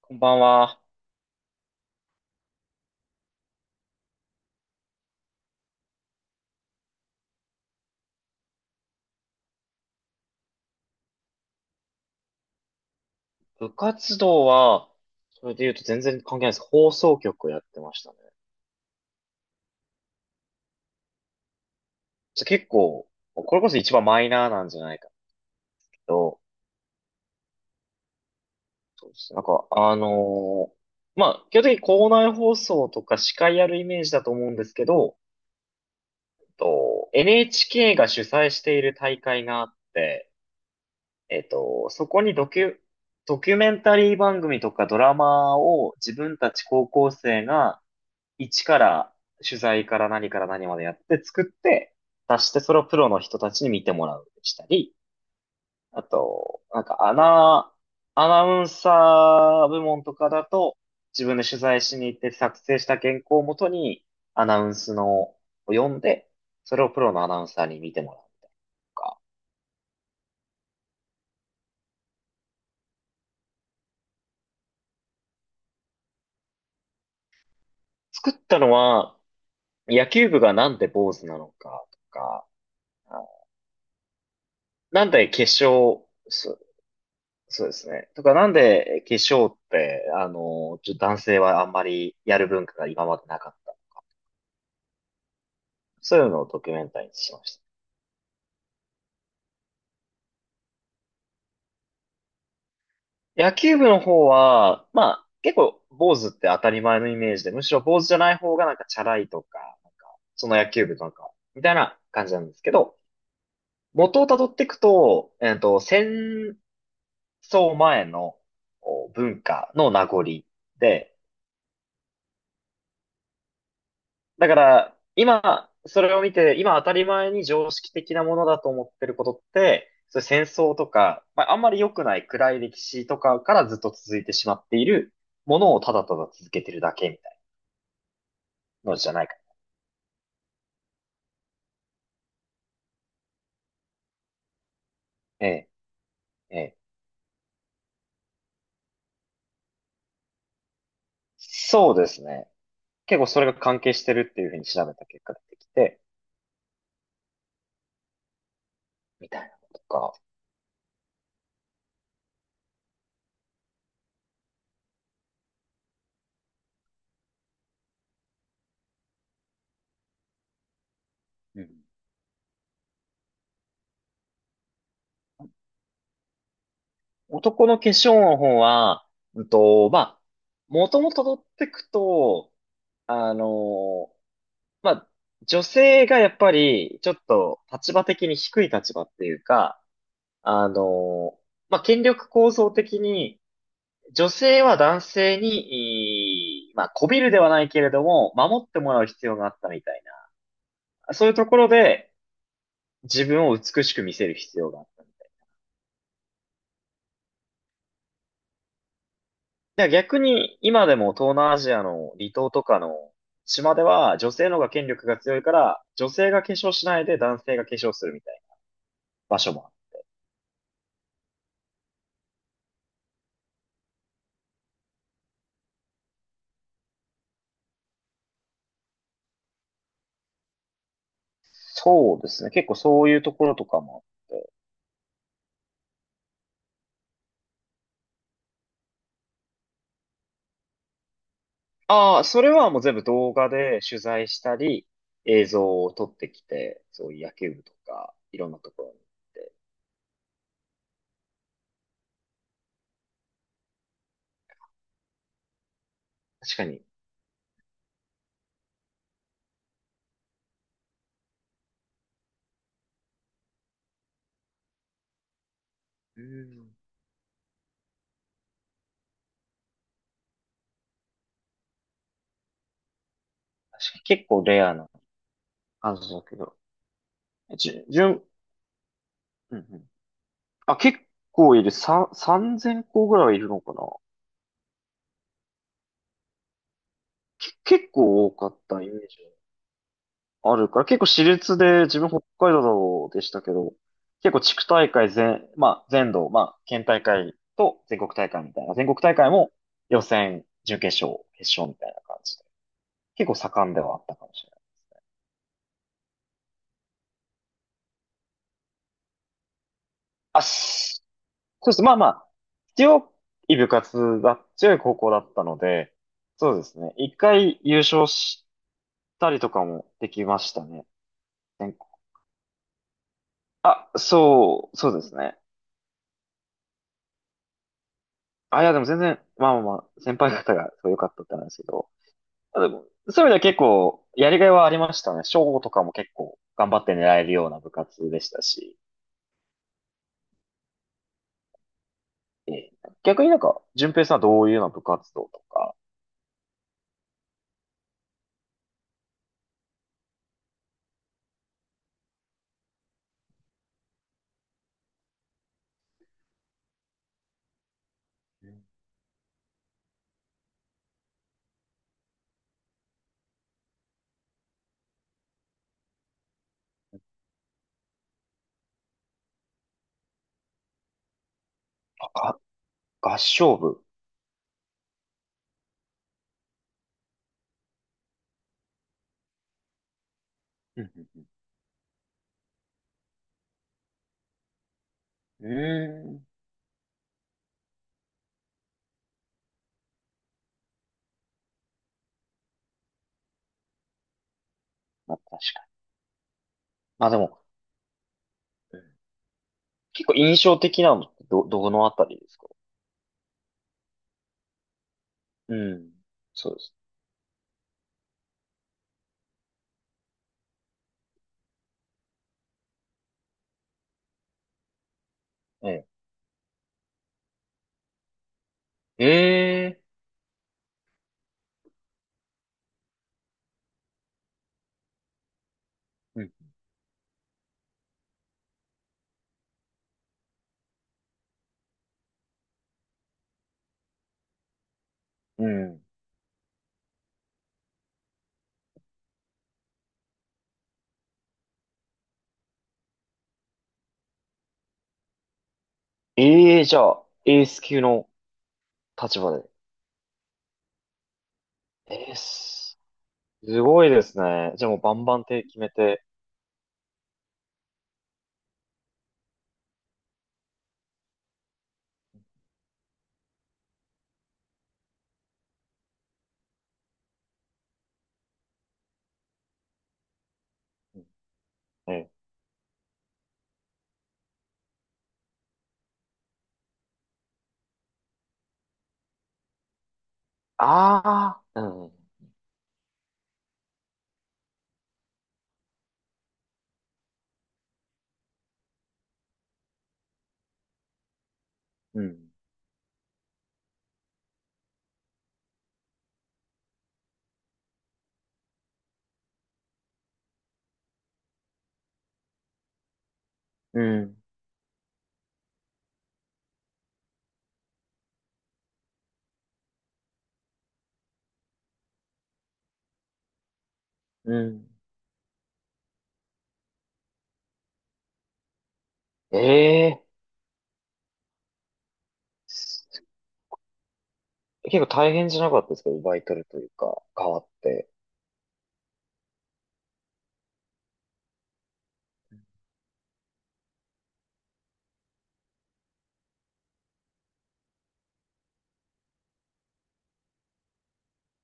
こんばんは。部活動は、それで言うと全然関係ないです。放送局をやってましたね。ちょ結構、これこそ一番マイナーなんじゃないかけど、そうですね。基本的に校内放送とか司会やるイメージだと思うんですけど、と NHK が主催している大会があって、そこにドキュメンタリー番組とかドラマを自分たち高校生が一から取材から何から何までやって作って出して、それをプロの人たちに見てもらうしたり、あと、アナウンサー部門とかだと自分で取材しに行って作成した原稿をもとに、アナウンスのを読んで、それをプロのアナウンサーに見てもらうみたいなとか。作ったのは、野球部がなんで坊主なのかとか、あ、なんで決勝、すそうですね。とか、なんで化粧って、あの、ちょ男性はあんまりやる文化が今までなかった。そういうのをドキュメンタリーにしました。野球部の方は、まあ、結構、坊主って当たり前のイメージで、むしろ坊主じゃない方がなんかチャラいとか、なんか、その野球部とか、みたいな感じなんですけど、元をたどっていくと、戦争前のお文化の名残で、だから、今、それを見て、今当たり前に常識的なものだと思ってることって、そういう戦争とか、まあ、あんまり良くない暗い歴史とかからずっと続いてしまっているものを、ただただ続けてるだけみたいなのじゃないか。ええ、ええ。そうですね。結構それが関係してるっていうふうに調べた結果出てきて、みたいなのとか。うん。男の化粧の方は、まあ、もともと取ってくと、あのまあ、女性がやっぱり、ちょっと立場的に低い立場っていうか、あの、まあ、権力構造的に、女性は男性に、いいまあ、媚びるではないけれども、守ってもらう必要があったみたいな。そういうところで、自分を美しく見せる必要があった。だから逆に、今でも東南アジアの離島とかの島では、女性の方が権力が強いから、女性が化粧しないで男性が化粧するみたいな場所もある。そうですね。結構そういうところとかもあって。ああ、それはもう全部動画で取材したり、映像を撮ってきて、そういう野球部とか、いろんなところに行って。確かに。うん。確かに結構レアな感じだけど。じゅ、じゅん、うんうん。あ、結構いる。3000個ぐらいいるのかな。結構多かったイメージ。あるから、結構私立で、自分北海道でしたけど、結構地区大会まあ全土、まあ県大会と全国大会みたいな、全国大会も予選、準決勝、決勝みたいな感じで、結構盛んではあったかもしれない。あ、しそうです。まあまあ、強強い高校だったので、そうですね。一回優勝したりとかもできましたね。全国、あ、そう、そうですね。あ、いや、でも全然、まあまあまあ、先輩方がすごい良かったってなんですけど、あでもそういう意味では結構、やりがいはありましたね。賞とかも結構頑張って狙えるような部活でしたし。ええ、逆になんか、順平さんはどういうような部活動とか、うん、あが合唱部。うんうんうんうーん。まあ確かに。まあでも、うん、結構印象的なのってどのあたりですか？うん。そうです。ええ。え、うんうん、え、うん。ええ、じゃあ、エース級の立場で。ええ、すごいですね。じゃあもうバンバン手決めて。ええ。ああ、うん、うん、うん、うん。ええす結構大変じゃなかったですか、奪い取るというか、変わって。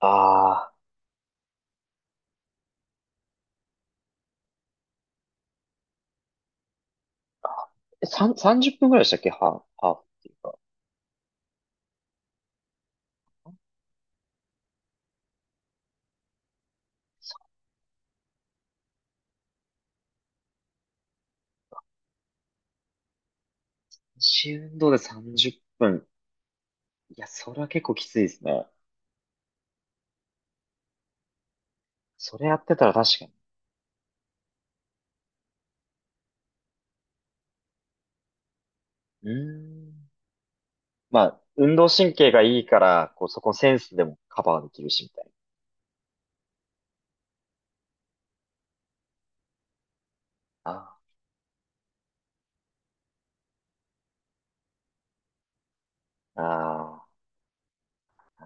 ああ、えさん30分ぐらいでしたっけ、ハーフ、ハーフっていうか。三周運動で30分。いや、それは結構きついですね。それやってたら確かに。うーん。まあ、運動神経がいいから、こう、そこセンスでもカバーできるし、みたいな。ああ。ああ。